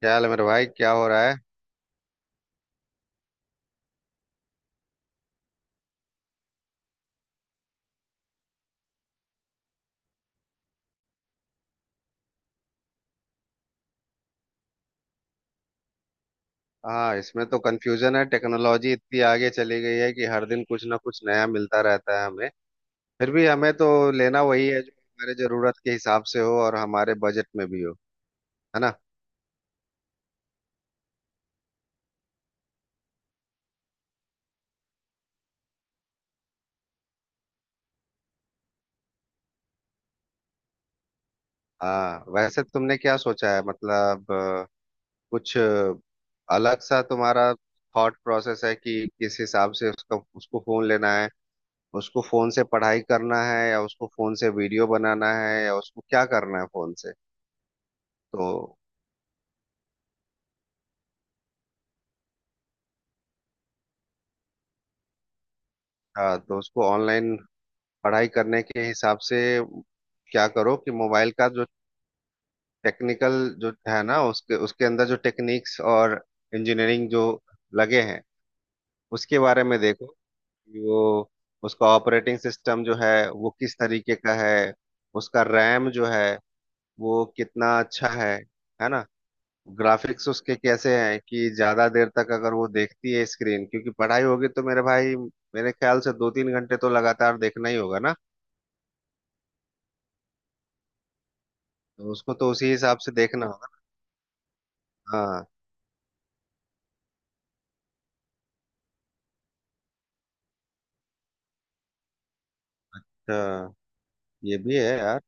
क्या हाल है मेरे भाई, क्या हो रहा है? हाँ, इसमें तो कंफ्यूजन है। टेक्नोलॉजी इतनी आगे चली गई है कि हर दिन कुछ ना कुछ नया मिलता रहता है हमें। फिर भी हमें तो लेना वही है जो हमारे जरूरत के हिसाब से हो और हमारे बजट में भी हो। है ना? हाँ, वैसे तुमने क्या सोचा है? मतलब कुछ अलग सा तुम्हारा थॉट प्रोसेस है कि किस हिसाब से उसका उसको फोन लेना है। उसको फोन से पढ़ाई करना है या उसको फोन से वीडियो बनाना है या उसको क्या करना है फोन से? तो हाँ, तो उसको ऑनलाइन पढ़ाई करने के हिसाब से क्या करो कि मोबाइल का जो टेक्निकल जो है ना, उसके उसके अंदर जो टेक्निक्स और इंजीनियरिंग जो लगे हैं उसके बारे में देखो कि वो उसका ऑपरेटिंग सिस्टम जो है वो किस तरीके का है। उसका रैम जो है वो कितना अच्छा है। है ना? ग्राफिक्स उसके कैसे हैं? कि ज्यादा देर तक अगर वो देखती है स्क्रीन क्योंकि पढ़ाई होगी, तो मेरे भाई मेरे ख्याल से 2-3 घंटे तो लगातार देखना ही होगा ना। तो उसको तो उसी हिसाब से देखना। हाँ। अच्छा, ये भी है यार,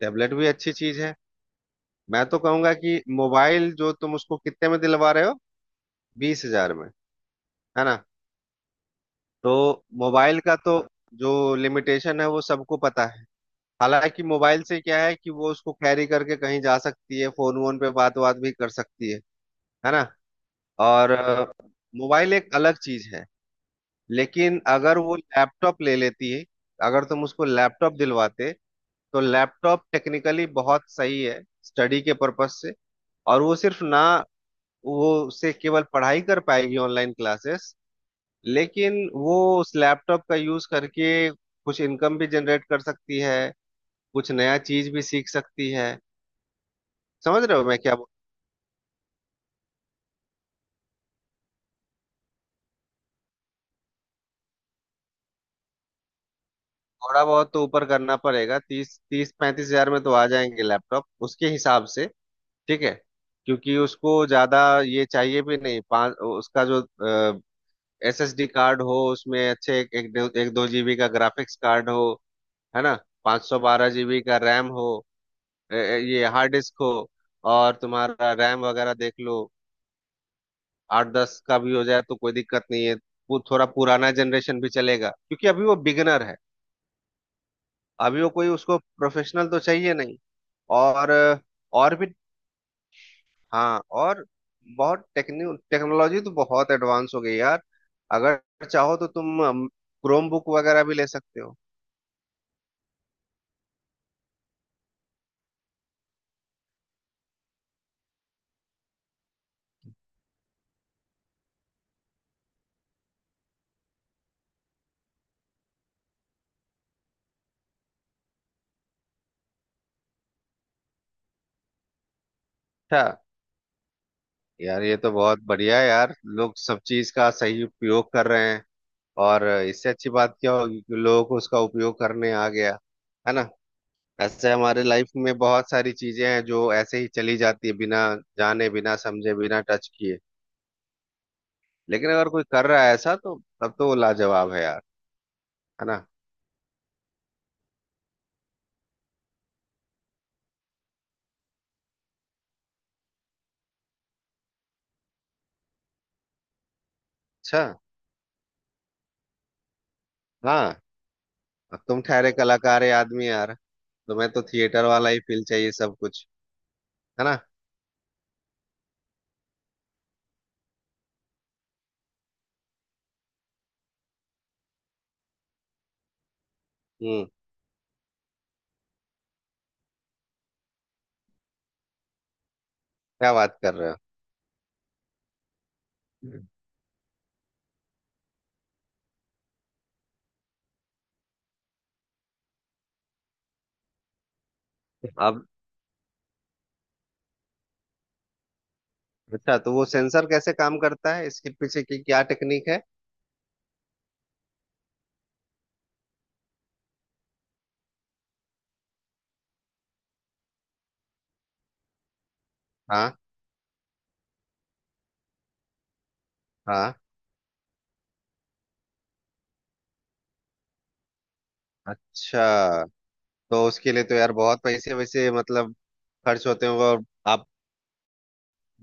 टेबलेट भी अच्छी चीज है। मैं तो कहूंगा कि मोबाइल जो तुम उसको कितने में दिलवा रहे हो, 20 हजार में। है ना? तो मोबाइल का तो जो लिमिटेशन है वो सबको पता है। हालांकि मोबाइल से क्या है कि वो उसको कैरी करके कहीं जा सकती है, फोन वोन पे बात बात भी कर सकती है। है ना? और मोबाइल एक अलग चीज है। लेकिन अगर वो लैपटॉप ले लेती है, अगर तुम उसको लैपटॉप दिलवाते तो लैपटॉप टेक्निकली बहुत सही है स्टडी के पर्पस से। और वो सिर्फ ना, वो उससे केवल पढ़ाई कर पाएगी, ऑनलाइन क्लासेस। लेकिन वो उस लैपटॉप का यूज करके कुछ इनकम भी जनरेट कर सकती है, कुछ नया चीज भी सीख सकती है। समझ रहे हो मैं क्या बोल? थोड़ा बहुत तो ऊपर करना पड़ेगा, 30, 30-35 हजार में तो आ जाएंगे लैपटॉप उसके हिसाब से। ठीक है। क्योंकि उसको ज्यादा ये चाहिए भी नहीं। पाँच उसका जो एसएसडी कार्ड हो उसमें अच्छे, एक एक दो जीबी का ग्राफिक्स कार्ड हो। है ना? 512 जीबी का रैम हो। ये हार्ड डिस्क हो। और तुम्हारा रैम वगैरह देख लो, 8-10 का भी हो जाए तो कोई दिक्कत नहीं है। वो थोड़ा पुराना जनरेशन भी चलेगा क्योंकि अभी वो बिगनर है। अभी वो, कोई उसको प्रोफेशनल तो चाहिए नहीं। और और भी। हाँ, बहुत टेक्निक टेक्नोलॉजी तो बहुत एडवांस हो गई यार। अगर चाहो तो तुम क्रोम बुक वगैरह भी ले सकते हो। अच्छा। यार ये तो बहुत बढ़िया है यार, लोग सब चीज का सही उपयोग कर रहे हैं। और इससे अच्छी बात क्या होगी कि लोगों को उसका उपयोग करने आ गया। है ना? ऐसे हमारे लाइफ में बहुत सारी चीजें हैं जो ऐसे ही चली जाती है बिना जाने, बिना समझे, बिना टच किए। लेकिन अगर कोई कर रहा है ऐसा, तो तब तो वो लाजवाब है यार। है ना? अच्छा। हाँ। अब तुम ठहरे कलाकार है आदमी यार, तुम्हें तो थिएटर वाला ही फील चाहिए सब कुछ। है ना? हम्म, क्या बात कर रहे हो? अब, अच्छा, तो वो सेंसर कैसे काम करता है, इसके पीछे की क्या टेक्निक है? हाँ, हाँ। अच्छा, तो उसके लिए तो यार बहुत पैसे वैसे मतलब खर्च होते होंगे। और आप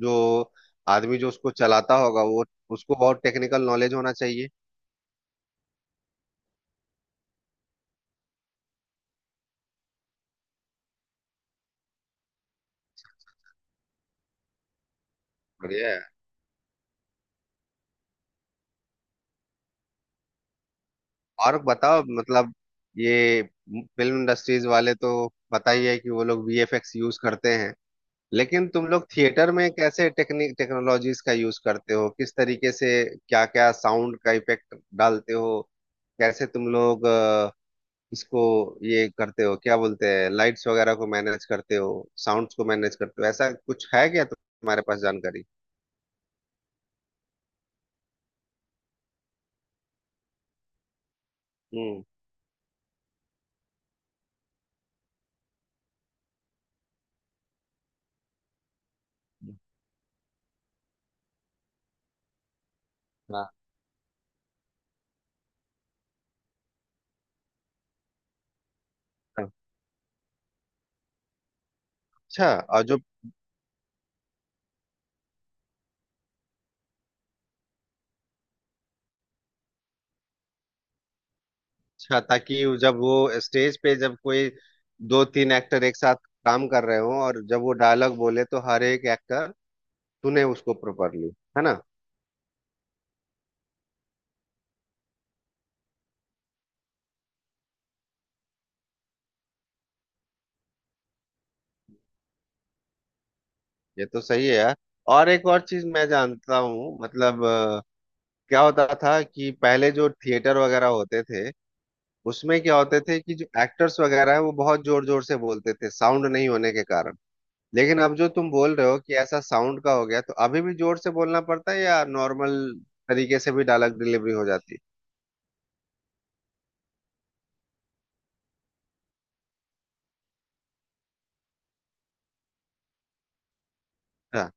जो आदमी जो उसको चलाता होगा, वो, उसको बहुत टेक्निकल नॉलेज होना चाहिए। बढ़िया है। और बताओ मतलब, ये फिल्म इंडस्ट्रीज वाले तो पता ही है कि वो लोग वीएफएक्स यूज करते हैं। लेकिन तुम लोग थिएटर में कैसे टेक्निक टेक्नोलॉजीज का यूज करते हो, किस तरीके से? क्या क्या साउंड का इफेक्ट डालते हो? कैसे तुम लोग इसको ये करते हो, क्या बोलते हैं, लाइट्स वगैरह को मैनेज करते हो, साउंड्स को मैनेज करते हो? ऐसा कुछ है क्या तुम्हारे पास जानकारी? हम्म। हाँ। अच्छा। और जो, अच्छा, ताकि जब वो स्टेज पे जब कोई 2-3 एक्टर एक साथ काम कर रहे हो और जब वो डायलॉग बोले तो हर एक एक्टर सुने उसको प्रॉपरली। है ना? ये तो सही है यार। और एक और चीज मैं जानता हूँ, मतलब क्या होता था कि पहले जो थिएटर वगैरह होते थे, उसमें क्या होते थे कि जो एक्टर्स वगैरह है, वो बहुत जोर जोर से बोलते थे साउंड नहीं होने के कारण। लेकिन अब जो तुम बोल रहे हो कि ऐसा साउंड का हो गया, तो अभी भी जोर से बोलना पड़ता है या नॉर्मल तरीके से भी डायलॉग डिलीवरी हो जाती है? हाँ,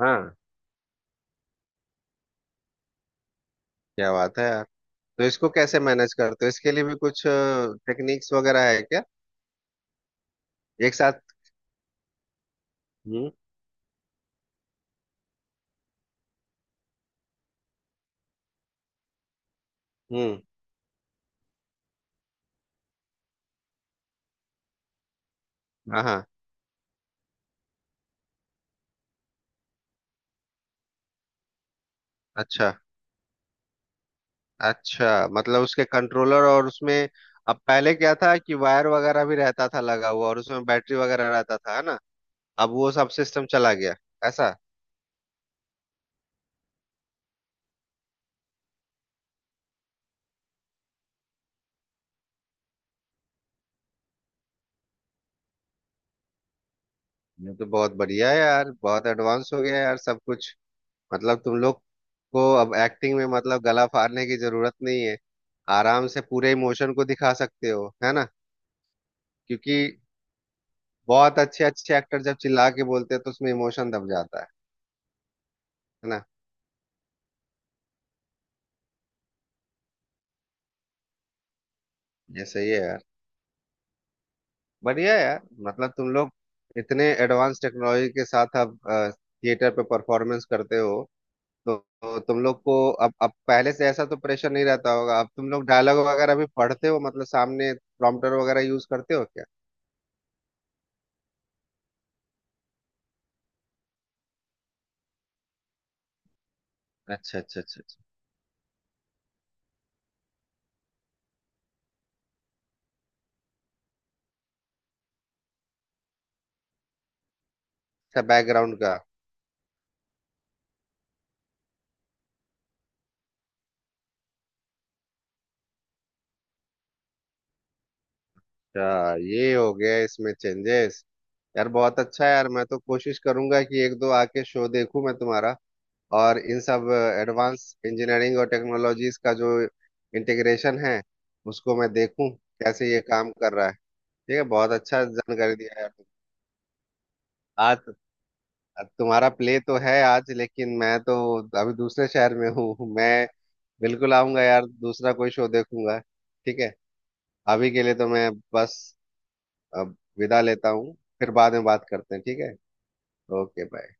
हाँ। क्या बात है यार। तो इसको कैसे मैनेज करते हो, इसके लिए भी कुछ टेक्निक्स वगैरह है क्या? एक साथ। हम्म। हम्म। हाँ, हाँ। अच्छा अच्छा, मतलब उसके कंट्रोलर और उसमें, अब पहले क्या था कि वायर वगैरह भी रहता था लगा हुआ और उसमें बैटरी वगैरह रहता था। है ना? अब वो सब सिस्टम चला गया, ऐसा? ये तो बहुत बढ़िया है यार, बहुत एडवांस हो गया है यार सब कुछ। मतलब तुम लोग को अब एक्टिंग में, मतलब, गला फाड़ने की जरूरत नहीं है, आराम से पूरे इमोशन को दिखा सकते हो। है ना? क्योंकि बहुत अच्छे अच्छे एक्टर जब चिल्ला के बोलते हैं तो उसमें इमोशन दब जाता है। है ना? ये सही है यार। बढ़िया यार। मतलब तुम लोग इतने एडवांस टेक्नोलॉजी के साथ अब थिएटर पे परफॉर्मेंस करते हो, तो तुम लोग को अब पहले से ऐसा तो प्रेशर नहीं रहता होगा। अब तुम लोग डायलॉग वगैरह भी पढ़ते हो, मतलब सामने प्रॉम्प्टर वगैरह यूज करते हो क्या? अच्छा, अच्छा, अच्छा, अच्छा। बैकग्राउंड का। अच्छा, ये हो गया इसमें चेंजेस। यार बहुत अच्छा है यार, मैं तो कोशिश करूंगा कि एक दो आके शो देखूं मैं तुम्हारा। और इन सब एडवांस इंजीनियरिंग और टेक्नोलॉजीज का जो इंटीग्रेशन है उसको मैं देखूं कैसे ये काम कर रहा है। ठीक है, बहुत अच्छा जानकारी दिया यार तुम। आज? तुम्हारा प्ले तो है आज, लेकिन मैं तो अभी दूसरे शहर में हूँ मैं। बिल्कुल आऊंगा यार, दूसरा कोई शो देखूंगा। ठीक है। अभी के लिए तो मैं बस अब विदा लेता हूँ। फिर बाद में बात करते हैं, ठीक है? Okay, bye.